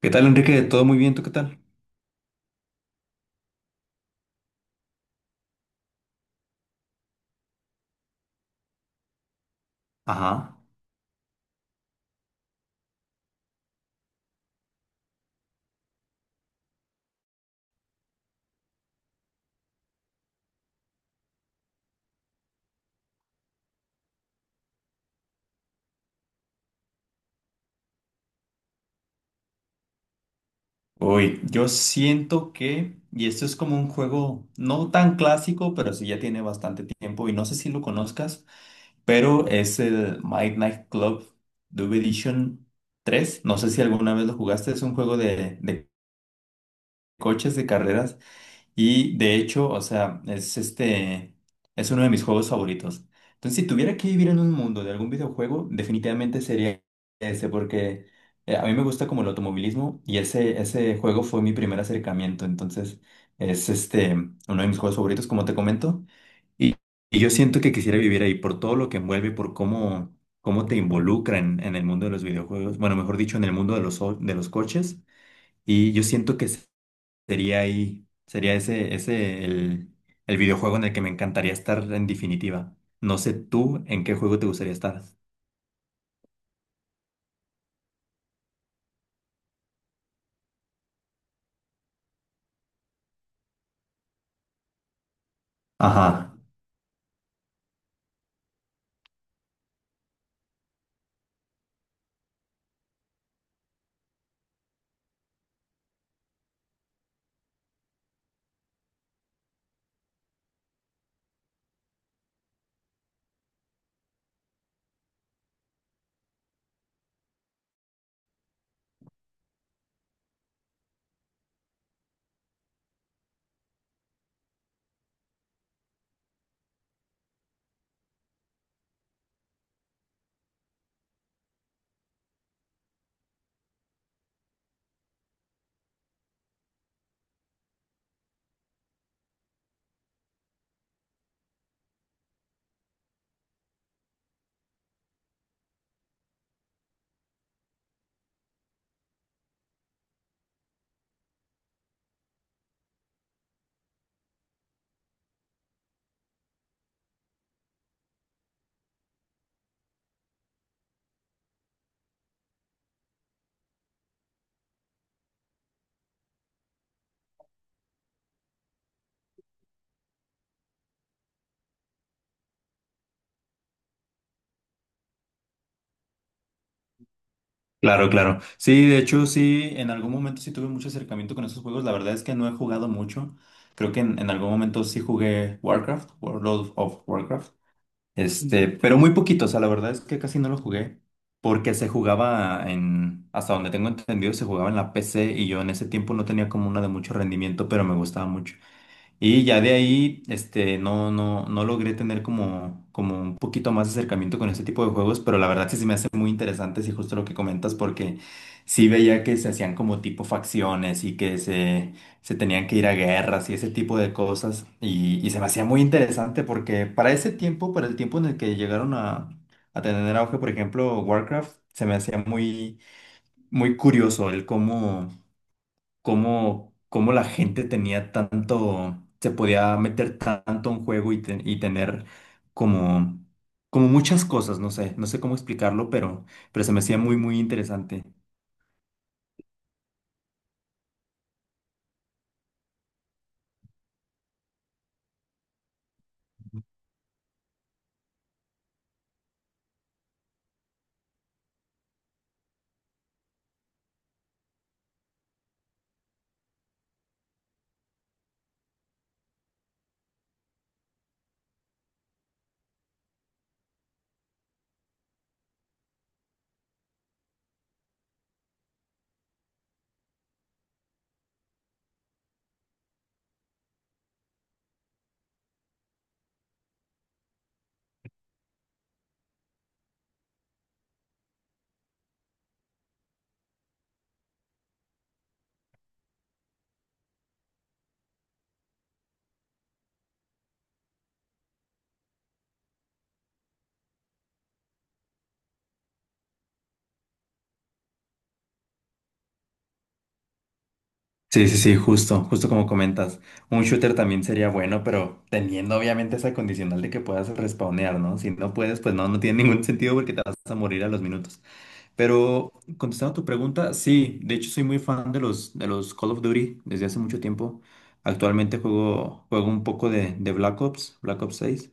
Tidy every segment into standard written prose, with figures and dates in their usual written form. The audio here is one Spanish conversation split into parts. ¿Qué tal, Enrique? ¿Todo muy bien? ¿Tú qué tal? Ajá. Uy, yo siento que, y esto es como un juego no tan clásico, pero sí ya tiene bastante tiempo y no sé si lo conozcas, pero es el Midnight Club Double Edition 3. No sé si alguna vez lo jugaste, es un juego de coches, de carreras. Y de hecho, o sea, es este, es uno de mis juegos favoritos. Entonces, si tuviera que vivir en un mundo de algún videojuego, definitivamente sería ese, porque a mí me gusta como el automovilismo y ese juego fue mi primer acercamiento. Entonces, es este, uno de mis juegos favoritos, como te comento. Y, y yo siento que quisiera vivir ahí por todo lo que envuelve, por cómo, cómo te involucra en el mundo de los videojuegos. Bueno, mejor dicho, en el mundo de los, de los coches. Y yo siento que sería ahí, sería ese, ese el videojuego en el que me encantaría estar en definitiva. No sé tú en qué juego te gustaría estar. Ajá, claro, claro. Sí, de hecho, sí, en algún momento sí tuve mucho acercamiento con esos juegos. La verdad es que no he jugado mucho. Creo que en algún momento sí jugué Warcraft, World of Warcraft. Este, pero muy poquito, o sea, la verdad es que casi no lo jugué. Porque se jugaba en, hasta donde tengo entendido, se jugaba en la PC y yo en ese tiempo no tenía como una de mucho rendimiento, pero me gustaba mucho. Y ya de ahí, este, no logré tener como, como un poquito más de acercamiento con este tipo de juegos, pero la verdad sí se me hacen muy interesantes y justo lo que comentas, porque sí veía que se hacían como tipo facciones y que se tenían que ir a guerras y ese tipo de cosas. Y se me hacía muy interesante porque para ese tiempo, para el tiempo en el que llegaron a tener auge, por ejemplo, Warcraft, se me hacía muy, muy curioso el cómo cómo la gente tenía tanto, se podía meter tanto en juego y, y tener como, como muchas cosas, no sé, no sé cómo explicarlo, pero se me hacía muy, muy interesante. Sí, sí, sí, justo, justo como comentas. Un shooter también sería bueno, pero teniendo obviamente esa condicional de que puedas respawnear, ¿no? Si no puedes, pues no, no tiene ningún sentido porque te vas a morir a los minutos. Pero contestando tu pregunta, sí, de hecho soy muy fan de los Call of Duty desde hace mucho tiempo. Actualmente juego, juego un poco de Black Ops, Black Ops seis.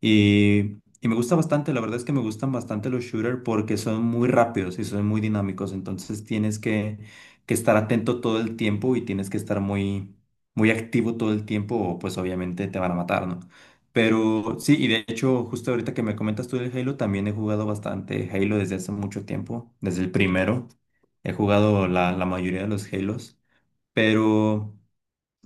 Y me gusta bastante, la verdad es que me gustan bastante los shooters porque son muy rápidos y son muy dinámicos. Entonces tienes que estar atento todo el tiempo y tienes que estar muy, muy activo todo el tiempo o pues obviamente te van a matar, ¿no? Pero sí, y de hecho, justo ahorita que me comentas tú del Halo, también he jugado bastante Halo desde hace mucho tiempo, desde el primero. He jugado la, la mayoría de los Halos, pero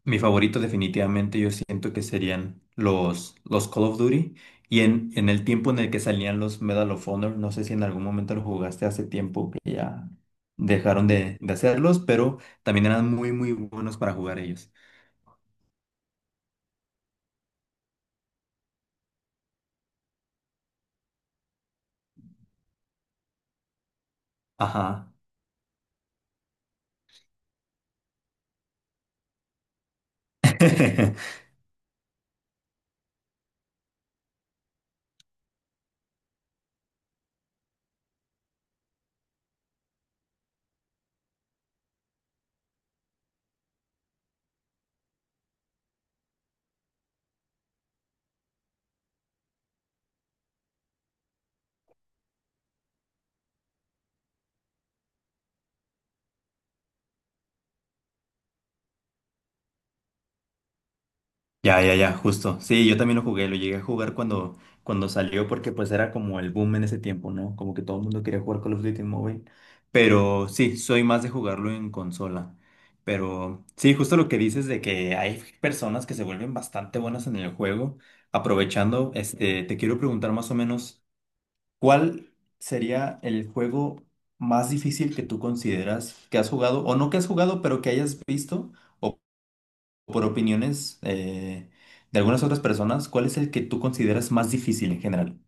mi favorito definitivamente yo siento que serían los Call of Duty. Y en el tiempo en el que salían los Medal of Honor, no sé si en algún momento lo jugaste hace tiempo que ya dejaron de hacerlos, pero también eran muy, muy buenos para jugar ellos. Ajá. Ya, ya, ya, justo. Sí, yo también lo jugué, lo llegué a jugar cuando, cuando salió porque pues era como el boom en ese tiempo, ¿no? Como que todo el mundo quería jugar Call of Duty en móvil. Pero sí, soy más de jugarlo en consola. Pero sí, justo lo que dices de que hay personas que se vuelven bastante buenas en el juego. Aprovechando, este, te quiero preguntar más o menos, ¿cuál sería el juego más difícil que tú consideras que has jugado o no que has jugado, pero que hayas visto? Por opiniones de algunas otras personas, ¿cuál es el que tú consideras más difícil en general?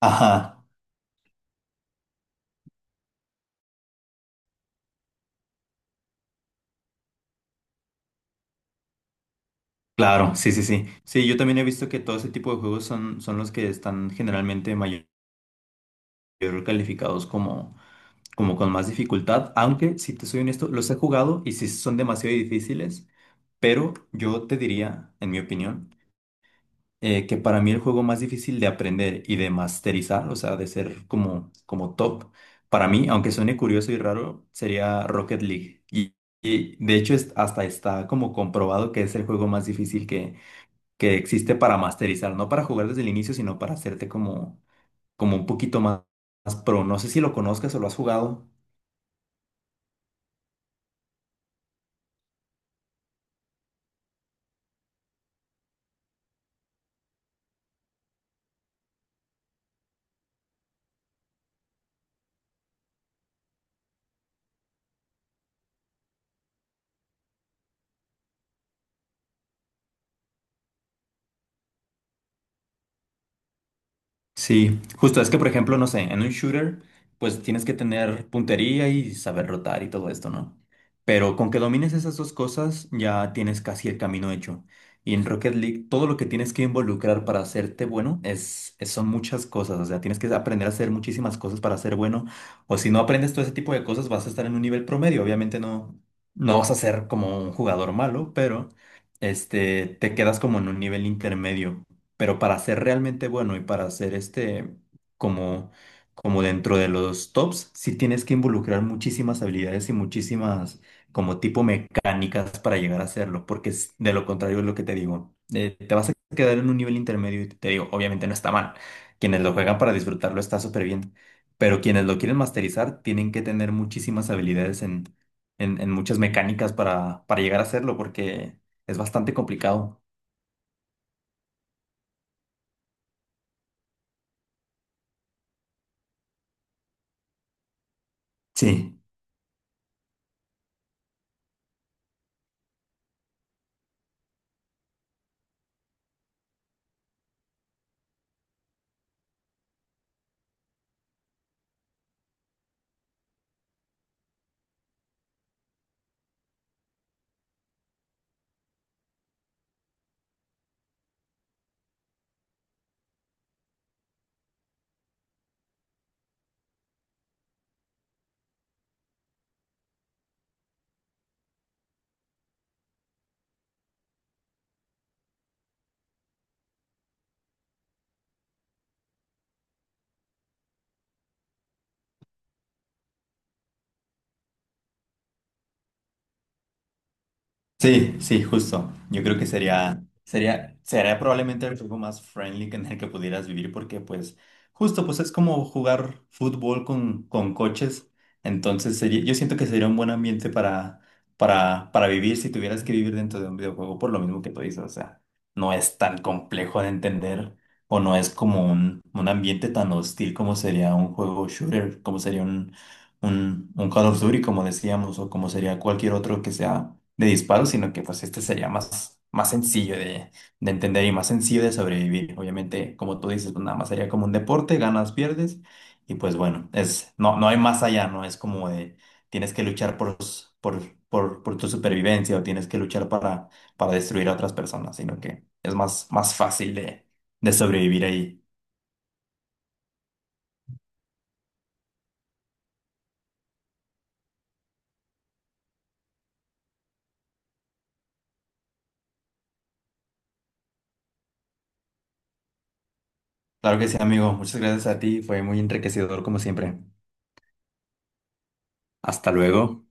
Ajá, claro, sí, sí, sí. Sí, yo también he visto que todo ese tipo de juegos son, son los que están generalmente mayor calificados como, como con más dificultad, aunque si te soy honesto, los he jugado y sí son demasiado difíciles, pero yo te diría, en mi opinión, que para mí el juego más difícil de aprender y de masterizar, o sea, de ser como, como top, para mí, aunque suene curioso y raro, sería Rocket League. Y de hecho hasta está como comprobado que es el juego más difícil que existe para masterizar, no para jugar desde el inicio, sino para hacerte como, como un poquito más, más pro. No sé si lo conozcas o lo has jugado. Sí, justo es que, por ejemplo, no sé, en un shooter, pues tienes que tener puntería y saber rotar y todo esto, ¿no? Pero con que domines esas dos cosas, ya tienes casi el camino hecho. Y en Rocket League, todo lo que tienes que involucrar para hacerte bueno es, son muchas cosas. O sea, tienes que aprender a hacer muchísimas cosas para ser bueno. O si no aprendes todo ese tipo de cosas, vas a estar en un nivel promedio. Obviamente no vas a ser como un jugador malo, pero este, te quedas como en un nivel intermedio. Pero para ser realmente bueno y para ser este como, como dentro de los tops, sí tienes que involucrar muchísimas habilidades y muchísimas como tipo mecánicas para llegar a hacerlo, porque de lo contrario es lo que te digo. Te vas a quedar en un nivel intermedio y te digo, obviamente no está mal. Quienes lo juegan para disfrutarlo está súper bien, pero quienes lo quieren masterizar tienen que tener muchísimas habilidades en, en muchas mecánicas para llegar a hacerlo, porque es bastante complicado. Sí. Sí, sí, justo. Yo creo que sería, sería, sería probablemente el juego más friendly que en el que pudieras vivir porque pues justo pues es como jugar fútbol con coches. Entonces sería, yo siento que sería un buen ambiente para, para vivir si tuvieras que vivir dentro de un videojuego por lo mismo que tú dices. O sea, no es tan complejo de entender o no es como un ambiente tan hostil como sería un juego shooter, como sería un Call of Duty, como decíamos, o como sería cualquier otro que sea de disparo, sino que pues este sería más, más sencillo de entender y más sencillo de sobrevivir. Obviamente, como tú dices, pues nada más sería como un deporte, ganas, pierdes, y pues bueno, es, no, no hay más allá, ¿no? Es como de tienes que luchar por, por, por tu supervivencia o tienes que luchar para destruir a otras personas, sino que es más, más fácil de sobrevivir ahí. Claro que sí, amigo. Muchas gracias a ti. Fue muy enriquecedor como siempre. Hasta luego.